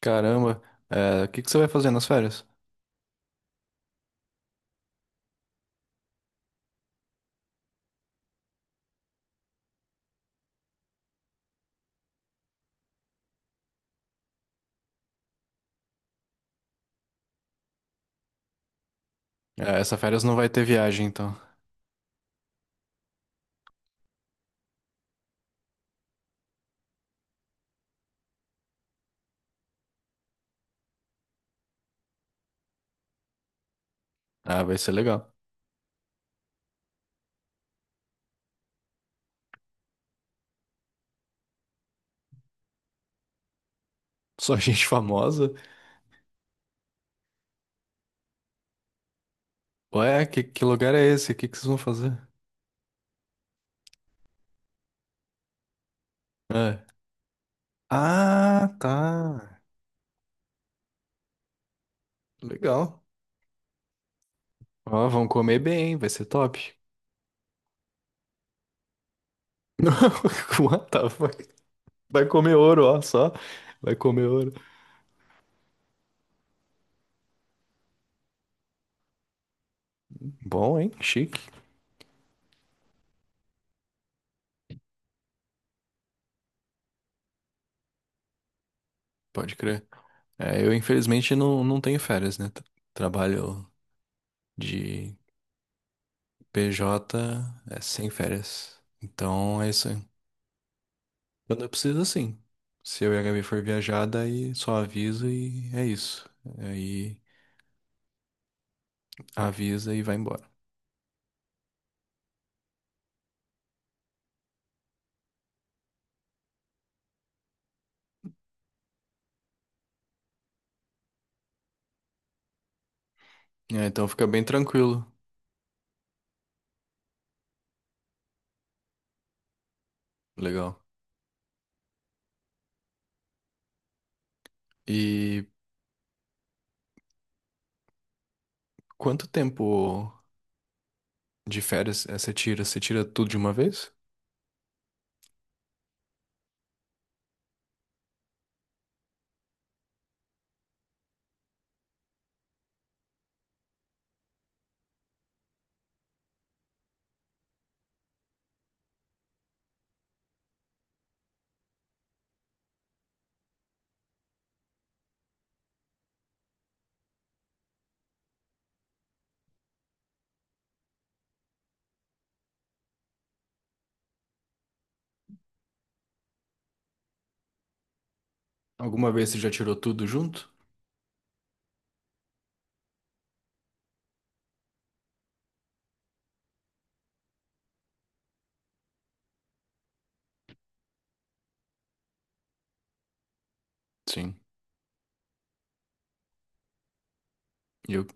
Caramba, é, o que que você vai fazer nas férias? É, essa férias não vai ter viagem, então. Ah, vai ser legal. Só gente famosa? Ué, que lugar é esse? O que que vocês vão fazer? É. Ah, tá. Legal. Ó, vão comer bem, vai ser top. Não, what the fuck? Vai comer ouro, ó, só. Vai comer ouro. Bom, hein? Chique. Pode crer. É, eu infelizmente não tenho férias, né? Trabalho de PJ é sem férias. Então é isso aí. Quando eu preciso, assim. Se eu e a Gabi for viajar, daí só avisa e é isso. Aí avisa e vai embora. É, então fica bem tranquilo. Legal. E quanto tempo de férias é, você tira? Você tira tudo de uma vez? Alguma vez você já tirou tudo junto? Sim. E eu...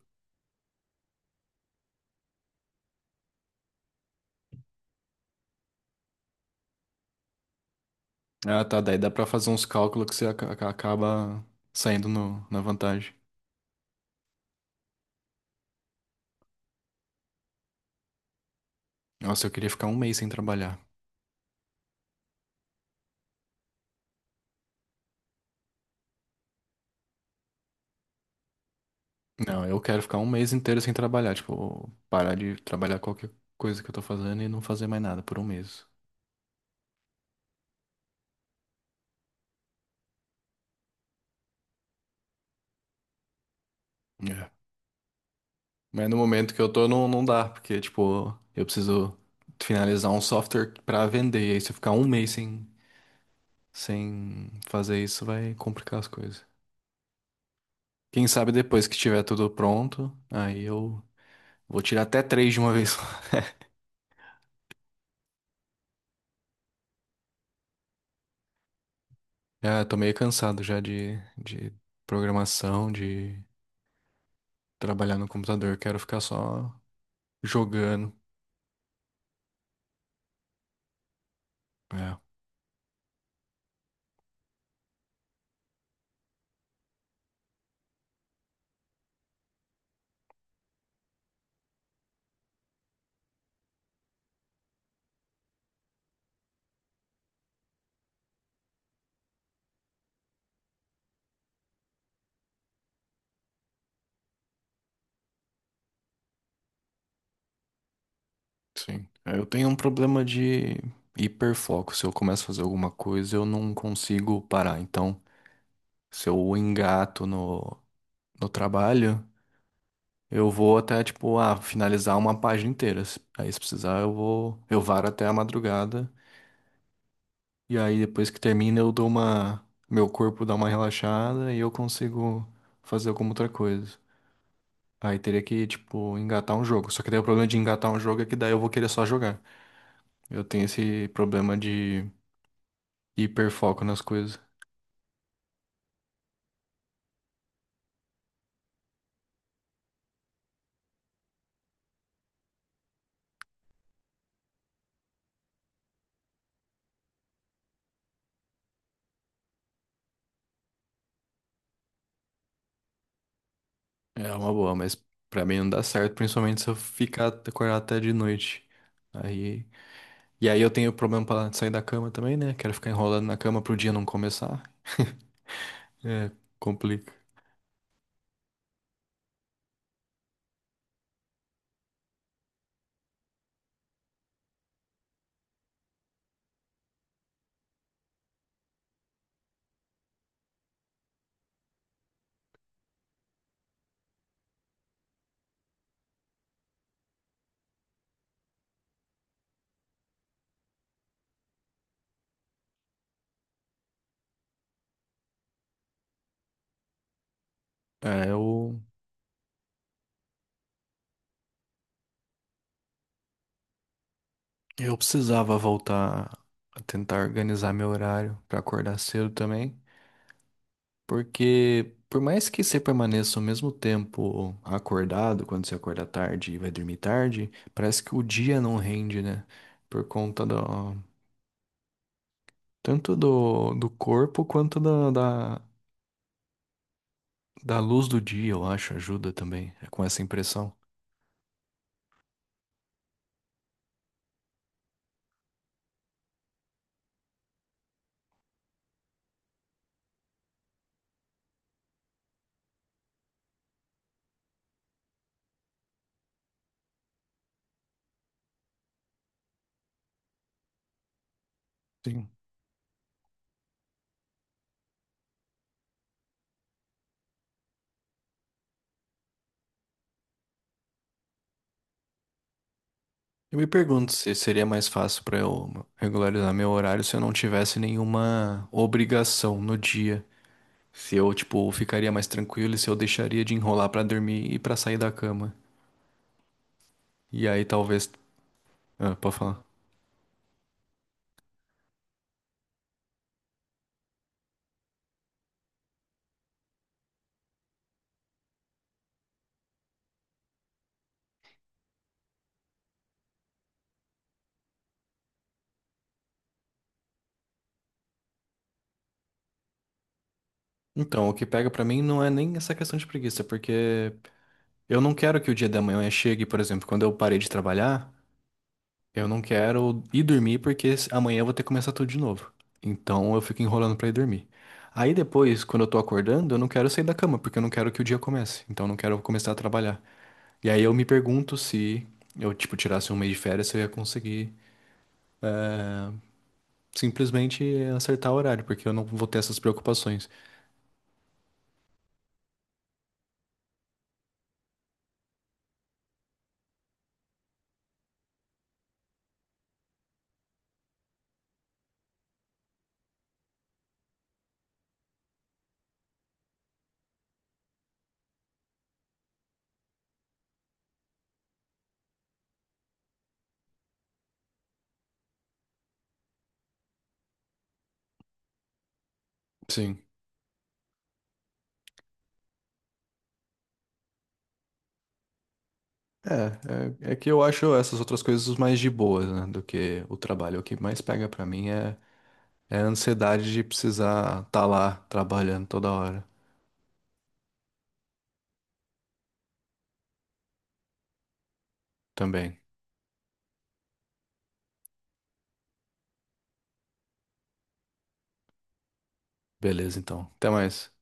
Ah, tá. Daí dá pra fazer uns cálculos que você acaba saindo na vantagem. Nossa, eu queria ficar um mês sem trabalhar. Não, eu quero ficar um mês inteiro sem trabalhar, tipo, parar de trabalhar qualquer coisa que eu tô fazendo e não fazer mais nada por um mês. É. Mas no momento que eu tô, não dá, porque, tipo, eu preciso finalizar um software pra vender, e aí se eu ficar um mês sem fazer isso, vai complicar as coisas. Quem sabe depois que tiver tudo pronto, aí eu vou tirar até três de uma vez. Só. Já tô meio cansado já de programação, de trabalhar no computador, quero ficar só jogando. É, sim. É, eu tenho um problema de hiperfoco. Se eu começo a fazer alguma coisa, eu não consigo parar. Então, se eu engato no trabalho, eu vou até, tipo, ah, finalizar uma página inteira. Aí, se precisar, eu vou, eu varo até a madrugada. E aí, depois que termina, eu dou uma, meu corpo dá uma relaxada e eu consigo fazer alguma outra coisa. Aí teria que, tipo, engatar um jogo. Só que daí o problema de engatar um jogo é que daí eu vou querer só jogar. Eu tenho esse problema de hiperfoco nas coisas. É uma boa, mas pra mim não dá certo, principalmente se eu ficar acordado até de noite. Aí, e aí eu tenho problema pra sair da cama também, né? Quero ficar enrolando na cama pro dia não começar. É, complica. É, eu, eu precisava voltar a tentar organizar meu horário pra acordar cedo também. Porque por mais que você permaneça ao mesmo tempo acordado, quando você acorda tarde e vai dormir tarde, parece que o dia não rende, né? Por conta tanto do corpo quanto da, da luz do dia, eu acho, ajuda também é com essa impressão. Sim. Eu me pergunto se seria mais fácil para eu regularizar meu horário se eu não tivesse nenhuma obrigação no dia. Se eu, tipo, ficaria mais tranquilo e se eu deixaria de enrolar para dormir e para sair da cama. E aí talvez. Ah, pode falar. Então, o que pega pra mim não é nem essa questão de preguiça, porque eu não quero que o dia da manhã chegue, por exemplo, quando eu parei de trabalhar, eu não quero ir dormir porque amanhã eu vou ter que começar tudo de novo. Então eu fico enrolando pra ir dormir. Aí depois, quando eu tô acordando, eu não quero sair da cama, porque eu não quero que o dia comece. Então eu não quero começar a trabalhar. E aí eu me pergunto se eu, tipo, tirasse um mês de férias, se eu ia conseguir, eh, simplesmente acertar o horário, porque eu não vou ter essas preocupações. Sim. É que eu acho essas outras coisas mais de boas, né, do que o trabalho. O que mais pega pra mim é a ansiedade de precisar estar tá lá trabalhando toda hora também. Beleza, então. Até mais.